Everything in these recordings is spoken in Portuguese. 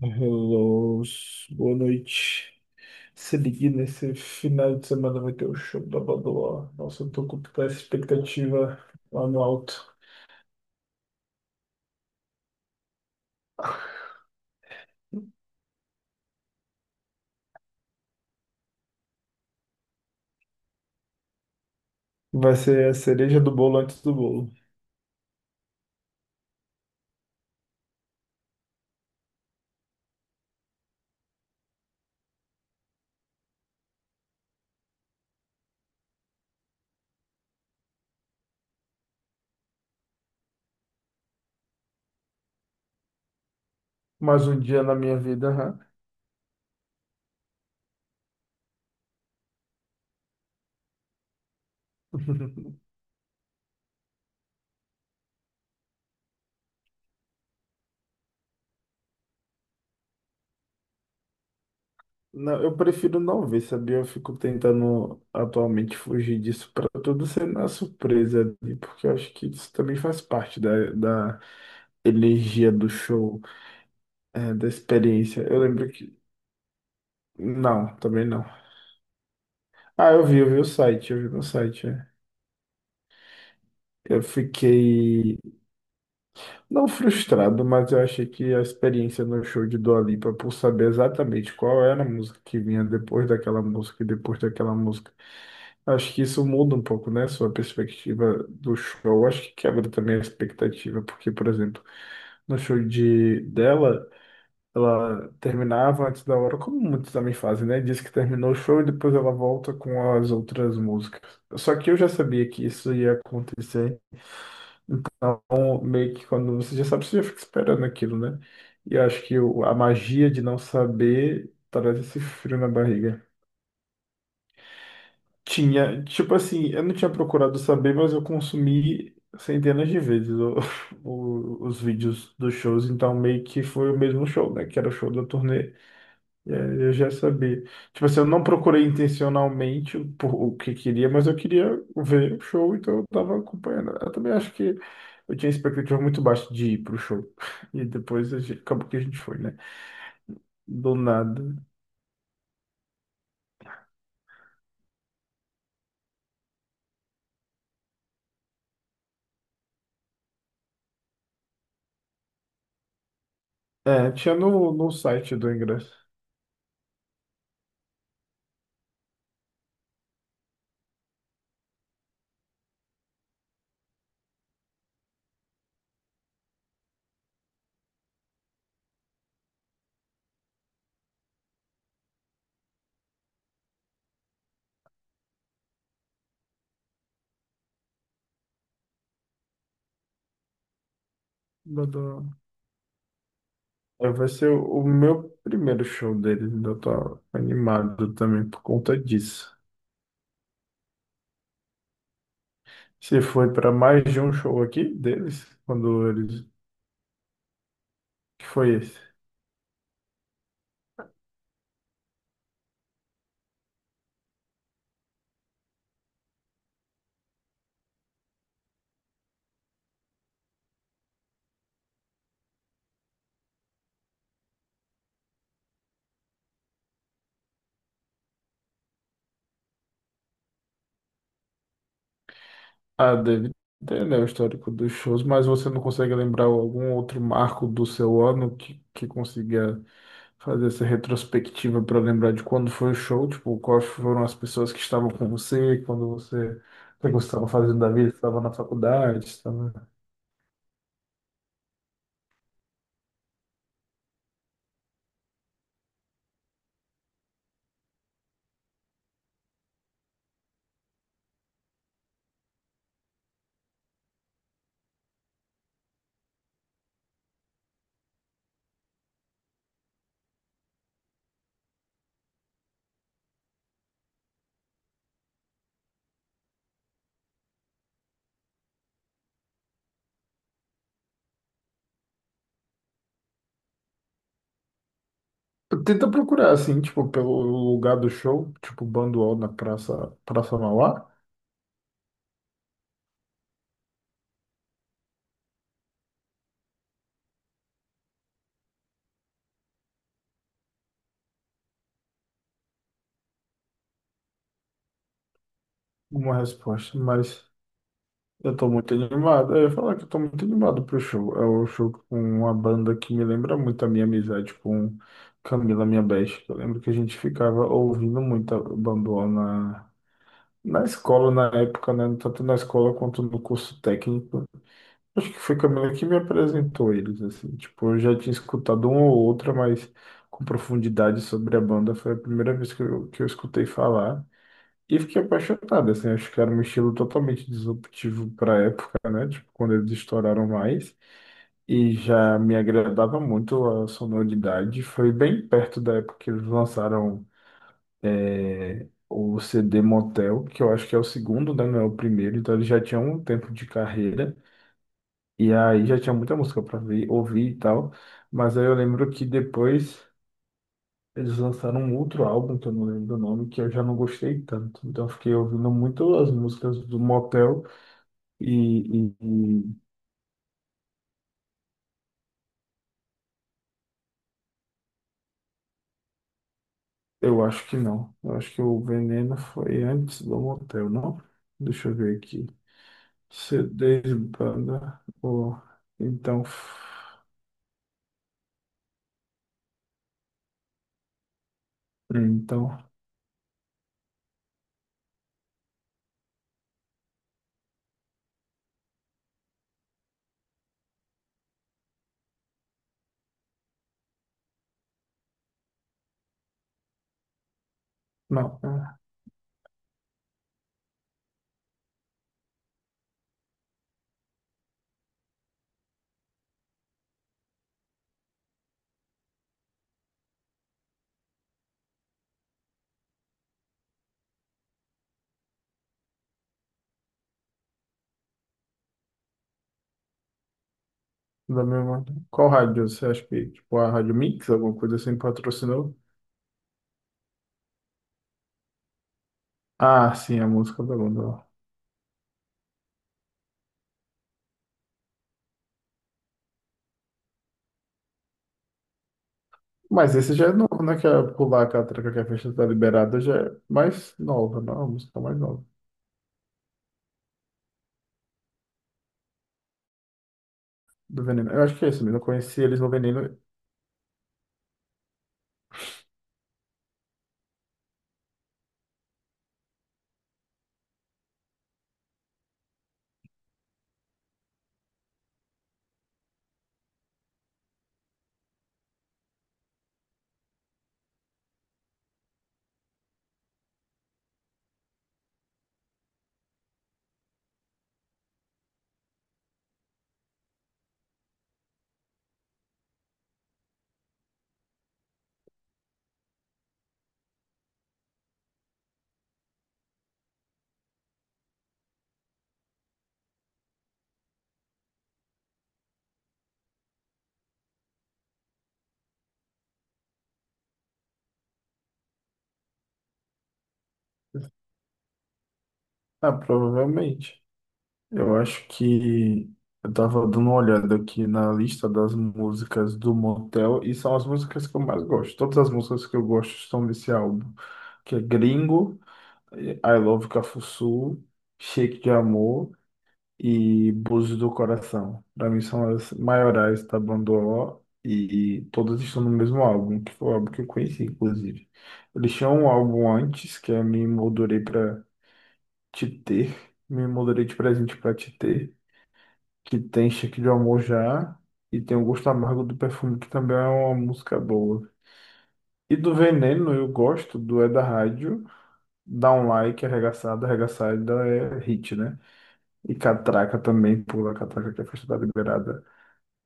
Hello, boa noite. Se ligue nesse final de semana vai ter o show da Badoa. Nossa, eu tô com toda essa expectativa lá no alto. Vai ser a cereja do bolo antes do bolo. Mais um dia na minha vida, hã? Não, eu prefiro não ver, sabia? Eu fico tentando atualmente fugir disso pra tudo ser na surpresa ali, porque eu acho que isso também faz parte da energia do show, é, da experiência. Eu lembro que. Não, também não. Ah, eu vi o site, eu vi no site. É. Eu fiquei, não frustrado, mas eu achei que a experiência no show de Dua Lipa, por saber exatamente qual era a música que vinha depois daquela música e depois daquela música, acho que isso muda um pouco, né? Sua perspectiva do show, acho que quebra também a expectativa, porque, por exemplo, no show de dela. Ela terminava antes da hora, como muitos também fazem, né? Diz que terminou o show e depois ela volta com as outras músicas. Só que eu já sabia que isso ia acontecer. Então, meio que quando você já sabe, você já fica esperando aquilo, né? E eu acho que o- a magia de não saber traz esse frio na barriga. Tinha, tipo assim, eu não tinha procurado saber, mas eu consumi centenas de vezes o- o- os vídeos dos shows, então meio que foi o mesmo show, né? Que era o show da turnê. É, eu já sabia. Tipo assim, eu não procurei intencionalmente por o que queria, mas eu queria ver o show, então eu tava acompanhando. Eu também acho que eu tinha expectativa muito baixa de ir pro show. E depois a gente- acabou que a gente foi, né? Do nada. É, tinha no, no site do ingresso. Do- do- é, vai ser o meu primeiro show deles, ainda tô animado também por conta disso. Você foi para mais de um show aqui deles? Quando eles. Que foi esse? Ah, deve ter, né, o histórico dos shows, mas você não consegue lembrar algum outro marco do seu ano que consiga fazer essa retrospectiva para lembrar de quando foi o show, tipo, quais foram as pessoas que estavam com você, quando você, o que você estava fazendo da vida, estava na faculdade, estava... Tenta procurar, assim, tipo, pelo lugar do show, tipo, Banduol na Praça, Praça Mauá. Uma resposta, mas eu tô muito animado. Eu ia falar que eu tô muito animado pro show. É o show com uma banda que me lembra muito a minha amizade com Camila, minha best. Eu lembro que a gente ficava ouvindo muita Bamboa na, na escola na época, né? Tanto na escola quanto no curso técnico. Acho que foi Camila que me apresentou eles, assim. Tipo, eu já tinha escutado uma ou outra, mas com profundidade sobre a banda foi a primeira vez que eu escutei falar. E fiquei apaixonado, assim, acho que era um estilo totalmente disruptivo para a época, né? Tipo, quando eles estouraram mais. E já me agradava muito a sonoridade. Foi bem perto da época que eles lançaram é, o CD Motel, que eu acho que é o segundo, né? Não é o primeiro. Então eles já tinham um tempo de carreira. E aí já tinha muita música para ouvir e tal. Mas aí eu lembro que depois. Eles lançaram um outro álbum, que eu não lembro o nome, que eu já não gostei tanto. Então eu fiquei ouvindo muito as músicas do Motel e eu acho que não. Eu acho que o Veneno foi antes do Motel, não? Deixa eu ver aqui. CDs, banda. Ou então, então, não. É da mesma. Qual rádio? Você acha que, tipo, a Rádio Mix, alguma coisa assim, patrocinou? Ah, sim, a música da banda. Mas esse já é novo, né? Que é pular a catraca que a festa tá liberada já é mais nova, não? A música é mais nova do Veneno. Eu acho que é isso mesmo. Eu conheci eles no Veneno. Ah, provavelmente. Eu acho que eu tava dando uma olhada aqui na lista das músicas do Motel e são as músicas que eu mais gosto. Todas as músicas que eu gosto estão nesse álbum, que é Gringo, I Love Cafuçu, Shake de Amor. E Búzios do Coração. Pra mim são as maiorais da banda O e todas estão no mesmo álbum, que foi o álbum que eu conheci, inclusive. Eles tinham um álbum antes, que é Me Moldurei Pra Te Ter, Me Moldurei de Presente Pra Te Ter, que tem Cheque de Amor Já e tem O Gosto Amargo do Perfume, que também é uma música boa. E do Veneno eu gosto, do É da Rádio, Dá um Like, Arregaçada, arregaçada é hit, né? E catraca também, pula catraca que é festa da liberada.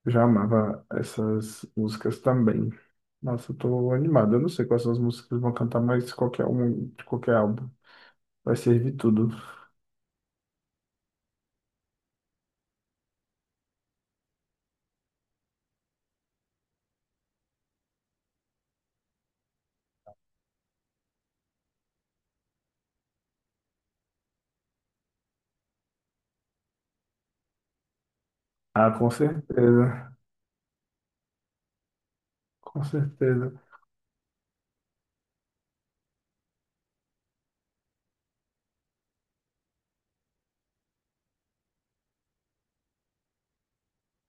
Eu já amava essas músicas também. Nossa, eu tô animado. Eu não sei quais são as músicas que eles vão cantar, mas qualquer um de qualquer álbum vai servir tudo. Ah, com certeza. Com certeza.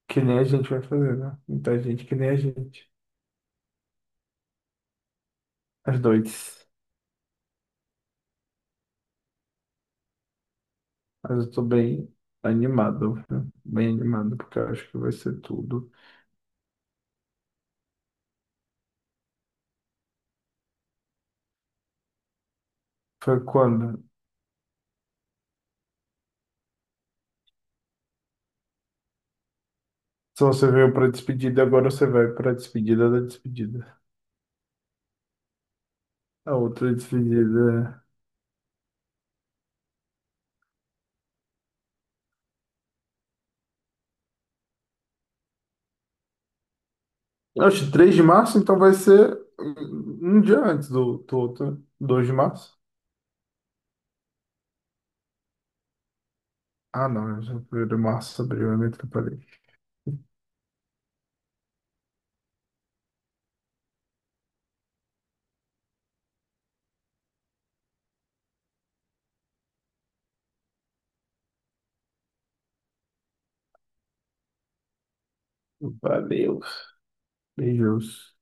Que nem a gente vai fazer, né? Muita gente, que nem a gente. As dois. Mas eu tô bem animado, viu? Bem animado, porque eu acho que vai ser tudo. Foi quando? Se você veio pra despedida, agora você vai pra despedida da despedida. A outra despedida. Acho que 3 de março, então vai ser um um dia antes do, do outro, 2 de março. Ah, não, é 1 de março, abril, é meio atrapalhei. Valeu. Beijos.